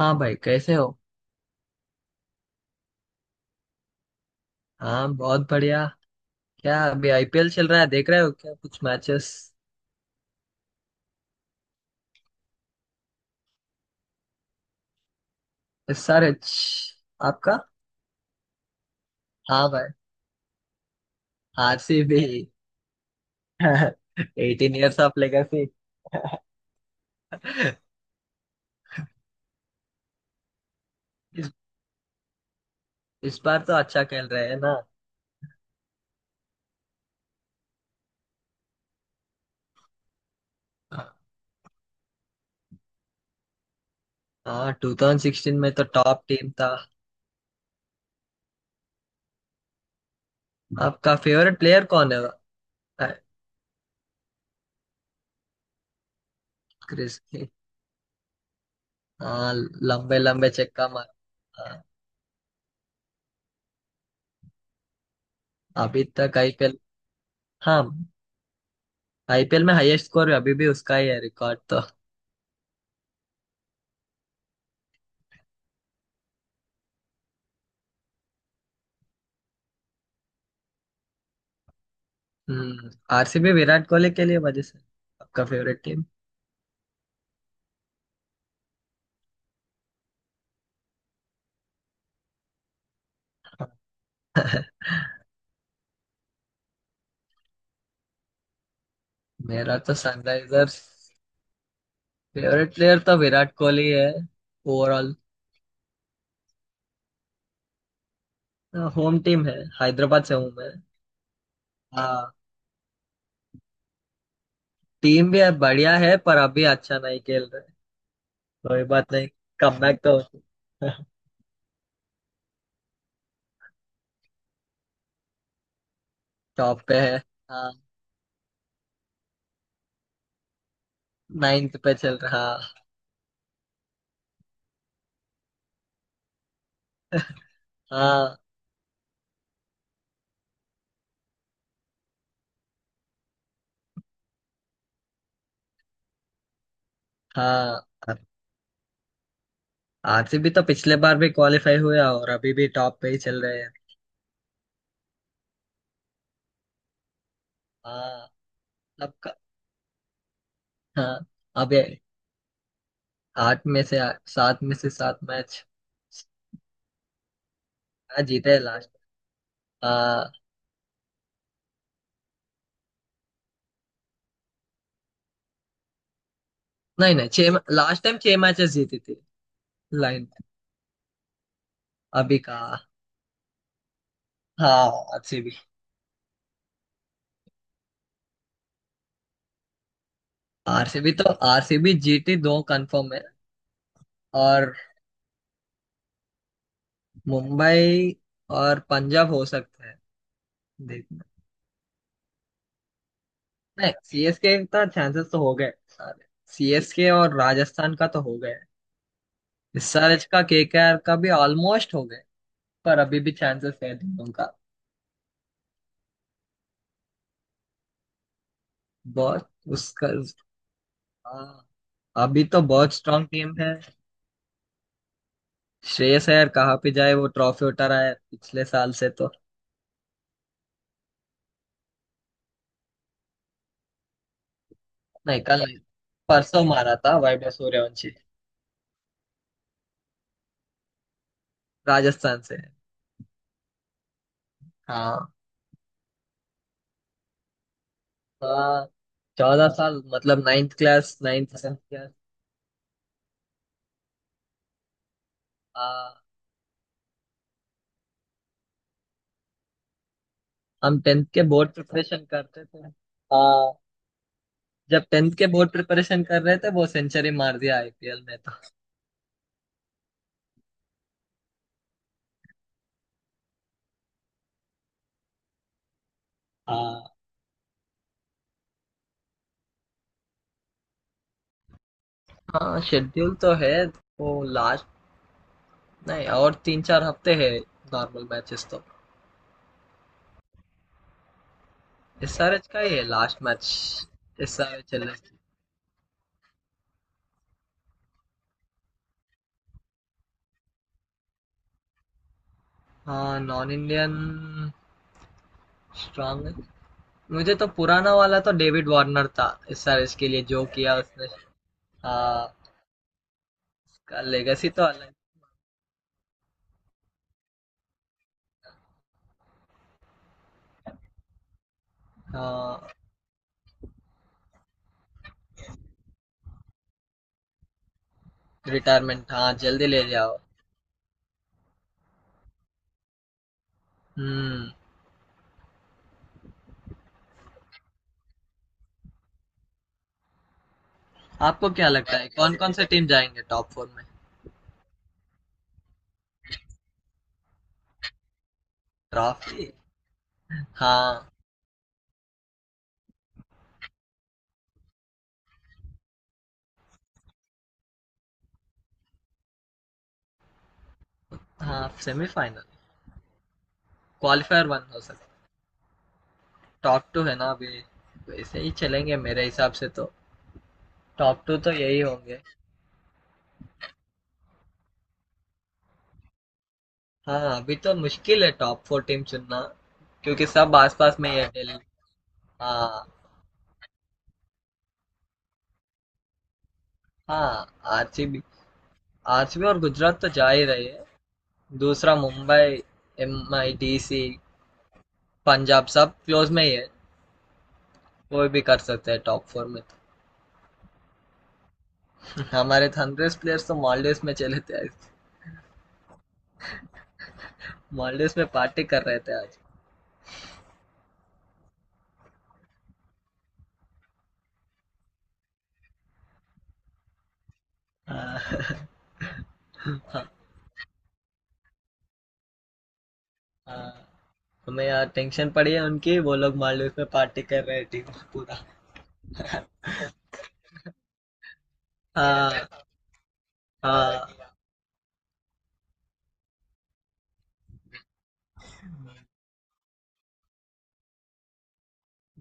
हाँ भाई, कैसे हो। हाँ, बहुत बढ़िया। क्या अभी आईपीएल चल रहा है, देख रहे हो क्या कुछ मैचेस। इस सारे छ- आपका। हाँ भाई, आरसीबी। 18 years of legacy. इस, इस बार तो अच्छा खेल रहे हैं ना। हाँ, 2016 में तो टॉप टीम था। आपका फेवरेट प्लेयर कौन है। अ, क्रिस के। हाँ, लंबे लंबे चक्का मार। हाँ, अभी तक आईपीएल। हाँ, आईपीएल में हाईएस्ट स्कोर अभी भी उसका ही है, रिकॉर्ड तो। हम्म। आरसीबी विराट कोहली के लिए, वजह से। आपका फेवरेट टीम। मेरा तो सनराइजर्स। फेवरेट प्लेयर तो विराट कोहली है, ओवरऑल। होम टीम है, हैदराबाद से हूँ मैं। हाँ, टीम भी बढ़िया है, पर अभी अच्छा नहीं खेल रहे। कोई बात नहीं, कमबैक तो। टॉप पे है। हाँ, नाइन्थ पे चल रहा। हाँ। हाँ। हाँ, आरसीबी तो पिछले बार भी क्वालिफाई हुआ, और अभी भी टॉप पे ही चल रहे हैं। हाँ। अब क- हाँ, अब ये आठ में से सात में से सात मैच क्या जीते है लास्ट। आ, नहीं नहीं, छह लास्ट टाइम 6 मैचेस जीती थी। लाइन। अभी का। हाँ, आरसीबी। आरसीबी तो आरसीबी जीटी दो कंफर्म है। और मुंबई और पंजाब हो सकते हैं। देखना, नहीं सीएसके का चांसेस तो हो गए सारे। सीएसके और राजस्थान का तो हो गए। एसआरएच का, केकेआर का भी ऑलमोस्ट हो गए। पर अभी भी चांसेस है दोनों का। बहुत। उसका। हाँ, अभी तो बहुत स्ट्रांग टीम है। श्रेयस अय्यर कहाँ पे जाए, वो ट्रॉफी उठा रहा है पिछले साल से तो। नहीं कल नहीं, परसों मारा था, वैभव सूर्यवंशी। राजस्थान से है। हाँ। हाँ, 14 साल मतलब नाइन्थ क्लास, नाइन्थ क्लास। हाँ, हम टेंथ के बोर्ड प्रिपरेशन करते थे। हाँ, जब टेंथ के बोर्ड प्रिपरेशन कर रहे थे, वो सेंचुरी मार दिया आईपीएल में तो। हाँ। हाँ, शेड्यूल तो है। वो लास्ट। नहीं, और 3-4 हफ्ते है नॉर्मल मैचेस तो। एसआरएच का ये लास्ट मैच। एसआरएच एलएस। हाँ, नॉन इंडियन स्ट्रांग है। मुझे तो पुराना वाला तो डेविड वार्नर था, एसआरएच के लिए जो किया उसने। हाँ, उसका लेगेसी तो अलग। हाँ, रिटायरमेंट, हाँ जल्दी ले जाओ। हम्म। आपको क्या लगता है, कौन कौन से टीम जाएंगे टॉप फोर में। ट्रॉफी। हाँ। हाँ, सेमीफाइनल। क्वालिफायर वन हो सकता है। टॉप टू है ना अभी। वैसे ही चलेंगे मेरे हिसाब से तो। टॉप टू तो यही होंगे। हाँ, अभी तो मुश्किल है टॉप फोर टीम चुनना, क्योंकि सब आसपास में ही है दिल्ली। हाँ। हाँ, आरसीबी। आरसीबी और गुजरात तो जा ही रही है। दूसरा Mumbai. M I D C. Punjab सब क्लोज में ही है। कोई भी कर सकते हैं टॉप फोर में। तो हमारे थंडर्स प्लेयर्स तो मॉलडीव्स में चले थे आज। मॉलडीव्स में पार्टी कर रहे थे आज। हाँ। हाँ। हाँ। हमें यार टेंशन पड़ी है उनकी, वो लोग मॉलडीव्स में पार्टी कर रहे हैं टीम पूरा। हाँ। हाँ।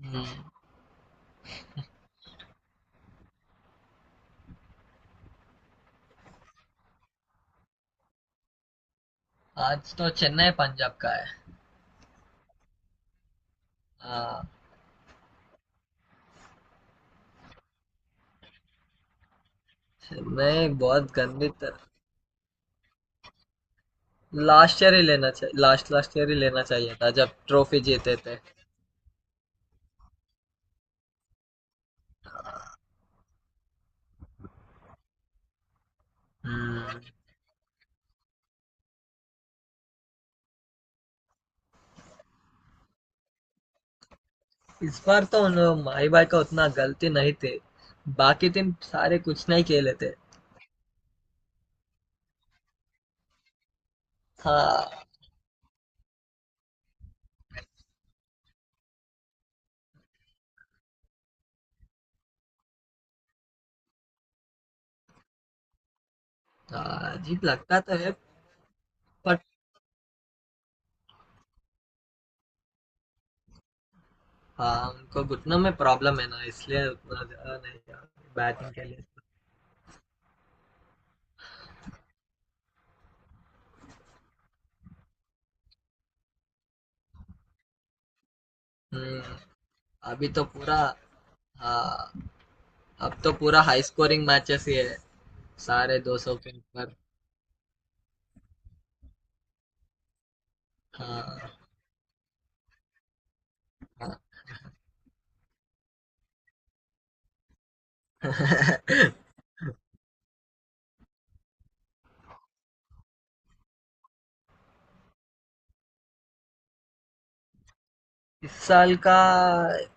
हम्म। आज तो चेन्नई पंजाब का है। हाँ, चेन्नई बहुत गंदी तरह। लास्ट ईयर ही लेना चाहिए, लास्ट लास्ट ईयर ही लेना चाहिए था जब ट्रॉफी जीते थे। हम्म। इस बार तो उन, माही भाई का उतना गलती नहीं थी, बाकी टीम सारे कुछ नहीं खेले थे। हाँ। हाँ, अजीब लगता तो है। बट हाँ, उनको घुटनों में प्रॉब्लम है ना, इसलिए उतना ज्यादा नहीं बैटिंग के लिए। हम्म। अभी तो पूरा। हाँ, अब तो पूरा हाई स्कोरिंग मैचेस ही है। 250 के ऊपर। हाँ, इस साल का।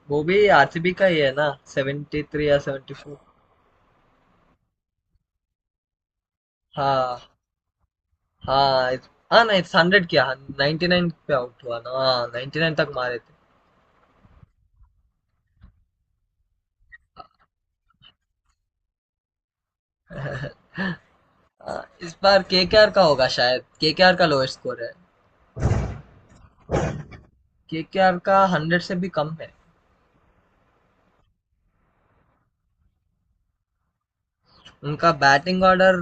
वो भी आरसीबी का ही है ना, 73 या 74। हाँ। हाँ हाँ ना इस 100 किया, 99 पे आउट हुआ ना, हाँ 99 तक मारे थे। हाँ, इस बार केकेआर का होगा शायद, केकेआर का लोएस्ट स्कोर है। केकेआर का 100 से भी कम है। उनका बैटिंग ऑर्डर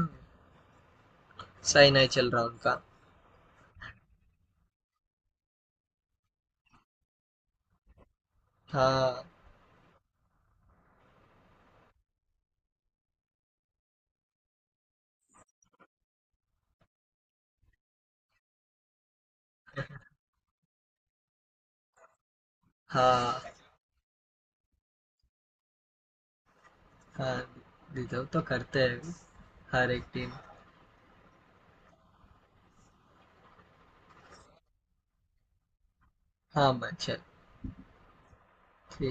सही नहीं चल रहा उनका। हाँ। हाँ। हाँ, डिजर्व तो करते हैं, हर एक टीम। हाँ, मैं चल, ठीक